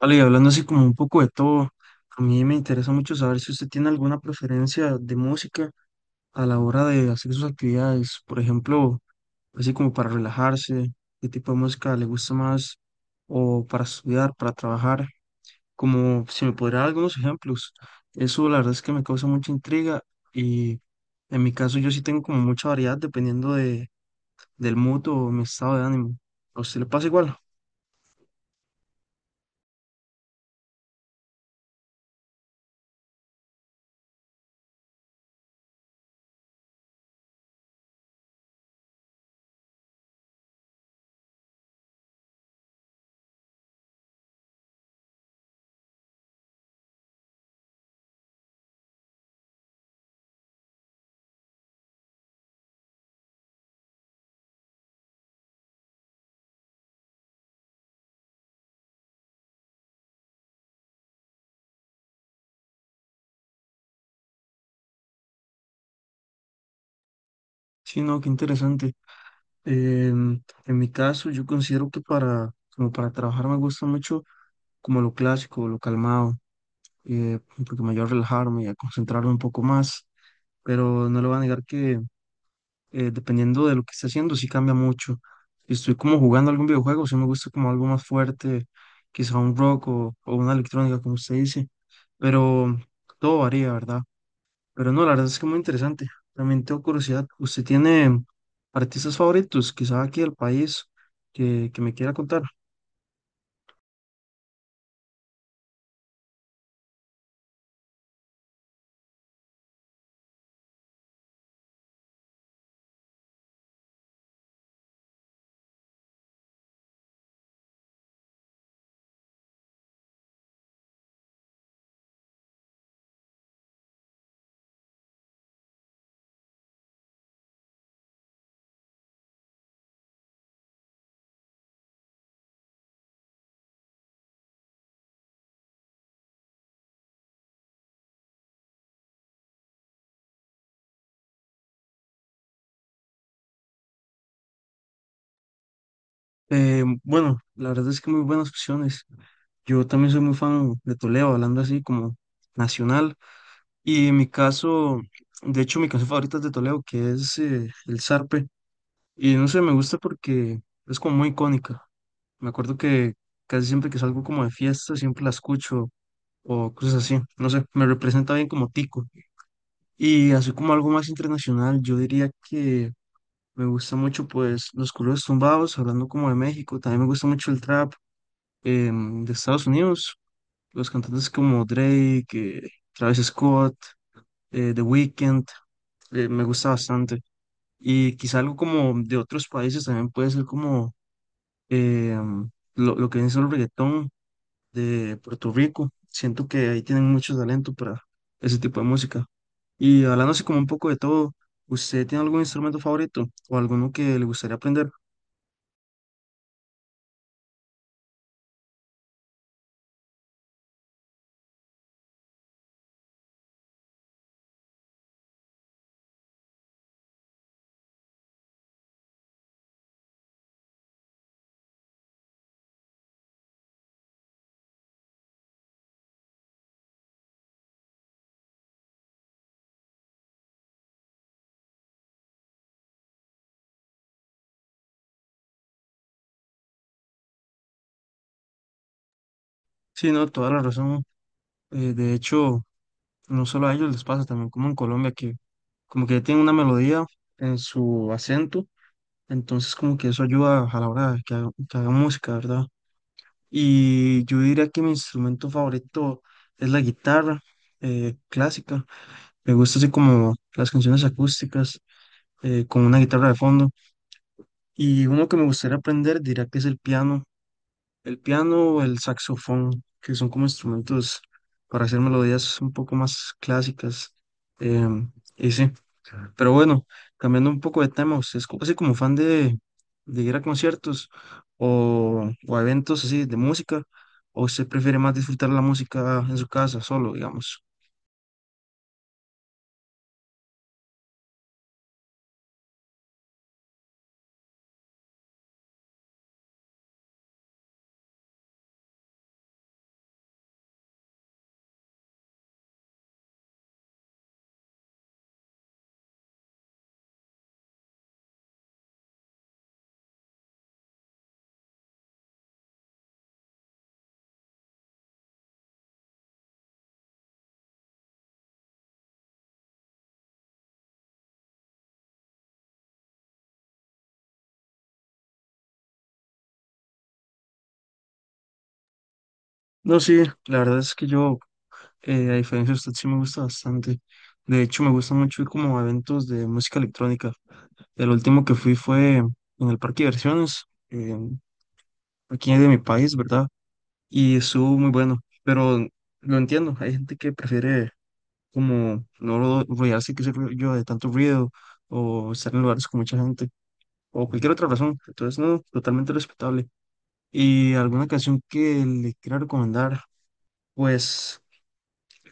Vale, y hablando así como un poco de todo, a mí me interesa mucho saber si usted tiene alguna preferencia de música a la hora de hacer sus actividades, por ejemplo, así como para relajarse, qué tipo de música le gusta más, o para estudiar, para trabajar, como si me podría dar algunos ejemplos. Eso la verdad es que me causa mucha intriga y en mi caso yo sí tengo como mucha variedad dependiendo del mood o mi estado de ánimo. ¿A usted le pasa igual? Sí, no, qué interesante. En mi caso, yo considero que como para trabajar me gusta mucho como lo clásico, lo calmado, eh, porque me ayuda a relajarme y a concentrarme un poco más, pero no le voy a negar que dependiendo de lo que esté haciendo, sí cambia mucho. Si estoy como jugando algún videojuego, sí me gusta como algo más fuerte, quizá un rock o una electrónica, como usted dice, pero todo varía, ¿verdad? Pero no, la verdad es que muy interesante. También tengo curiosidad, ¿usted tiene artistas favoritos, quizá aquí del país, que me quiera contar? Bueno, la verdad es que muy buenas opciones. Yo también soy muy fan de Toledo, hablando así como nacional. Y en mi caso, de hecho, mi canción favorita es de Toledo, que es El Zarpe. Y no sé, me gusta porque es como muy icónica. Me acuerdo que casi siempre que salgo como de fiesta, siempre la escucho o cosas así. No sé, me representa bien como Tico. Y así como algo más internacional, yo diría que me gusta mucho pues los corridos tumbados, hablando como de México, también me gusta mucho el trap de Estados Unidos, los cantantes como Drake, Travis Scott, The Weeknd, me gusta bastante. Y quizá algo como de otros países también puede ser como em, lo que viene siendo el reggaetón de Puerto Rico. Siento que ahí tienen mucho talento para ese tipo de música. Y hablándose como un poco de todo, ¿usted tiene algún instrumento favorito o alguno que le gustaría aprender? Sí, no, toda la razón. De hecho, no solo a ellos les pasa, también como en Colombia, que como que tienen una melodía en su acento, entonces como que eso ayuda a la hora de que haga música, ¿verdad? Y yo diría que mi instrumento favorito es la guitarra clásica. Me gusta así como las canciones acústicas con una guitarra de fondo. Y uno que me gustaría aprender diría que es el piano. El piano o el saxofón, que son como instrumentos para hacer melodías un poco más clásicas. Y sí, pero bueno, cambiando un poco de tema, ¿usted es así como fan de ir a conciertos o a eventos así de música? ¿O usted prefiere más disfrutar la música en su casa solo, digamos? No, sí, la verdad es que yo, a diferencia de usted, sí me gusta bastante. De hecho, me gusta mucho ir como a eventos de música electrónica. El último que fui fue en el parque de diversiones, en- aquí de mi país, ¿verdad? Y estuvo muy bueno, pero lo entiendo, hay gente que prefiere como no ro- rodearse, que sé yo, de tanto ruido o estar en lugares con mucha gente o cualquier otra razón. Entonces, no, totalmente respetable. ¿Y alguna canción que le quiera recomendar? Pues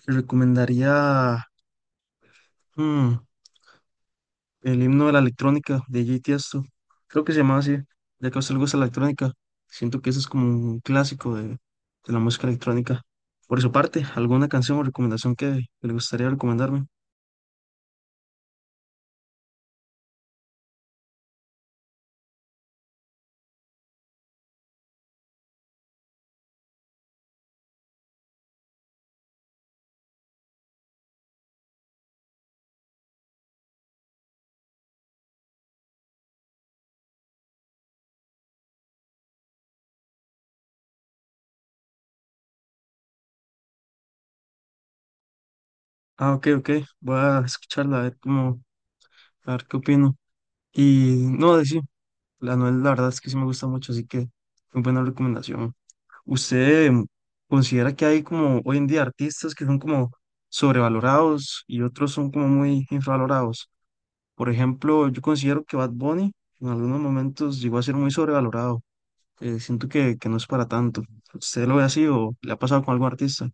recomendaría... hmm, el himno de la electrónica de J. Tiesto. Creo que se llamaba así, ya que a usted le gusta la electrónica. Siento que ese es como un clásico de la música electrónica. Por su parte, ¿alguna canción o recomendación que le gustaría recomendarme? Ah, ok, ok. Voy a escucharla, a ver cómo, a ver qué opino. Y no, de sí, la Noel, la verdad es que sí me gusta mucho, así que muy buena recomendación. ¿Usted considera que hay como hoy en día artistas que son como sobrevalorados y otros son como muy infravalorados? Por ejemplo, yo considero que Bad Bunny en algunos momentos llegó a ser muy sobrevalorado. Siento que no es para tanto. ¿Usted lo ve así o le ha pasado con algún artista?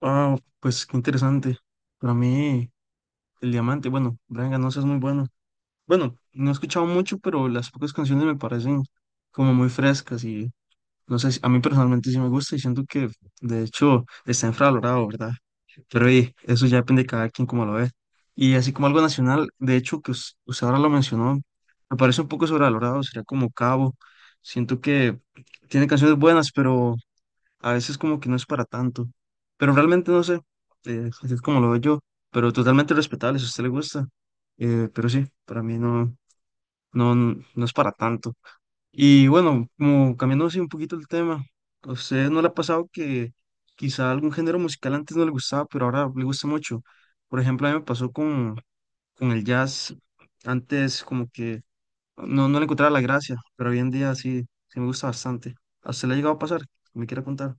Ah, pues qué interesante. Para mí, el Diamante, bueno, Brian Ganosa es muy bueno. Bueno, no he escuchado mucho, pero las pocas canciones me parecen como muy frescas. No sé, a mí personalmente sí me gusta y siento que de hecho está infravalorado, ¿verdad? Pero y, eso ya depende de cada quien como lo ve. Y así como algo nacional, de hecho que usted ahora lo mencionó, me parece un poco sobrevalorado, sería como Cabo. Siento que tiene canciones buenas, pero a veces como que no es para tanto. Pero realmente no sé, así es como lo veo yo, pero totalmente respetable si a usted le gusta. Pero sí, para mí no, no, no es para tanto. Y bueno, como cambiando así un poquito el tema, ¿a usted no le ha pasado que quizá algún género musical antes no le gustaba, pero ahora le gusta mucho? Por ejemplo, a mí me pasó con el jazz. Antes como que no, no le encontraba la gracia, pero hoy en día sí, sí me gusta bastante. ¿A usted le ha llegado a pasar? ¿Me quiere contar?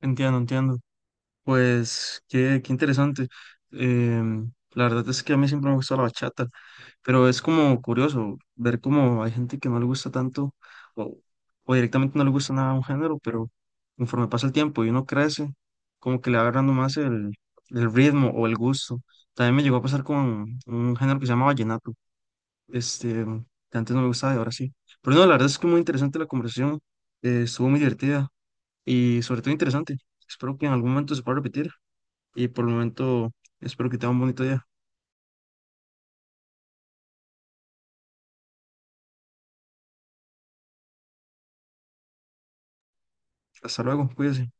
Entiendo, entiendo. Pues qué interesante. La verdad es que a mí siempre me ha gustado la bachata. Pero es como curioso ver cómo hay gente que no le gusta tanto o, o directamente no le gusta nada un género, pero conforme pasa el tiempo y uno crece, como que le va agarrando más el ritmo o el gusto. También me llegó a pasar con un género que se llama vallenato, este, que antes no me gustaba y ahora sí. Pero no, la verdad es que muy interesante la conversación, estuvo muy divertida y sobre todo interesante. Espero que en algún momento se pueda repetir y por el momento espero que tenga un bonito día. Hasta luego, cuídense.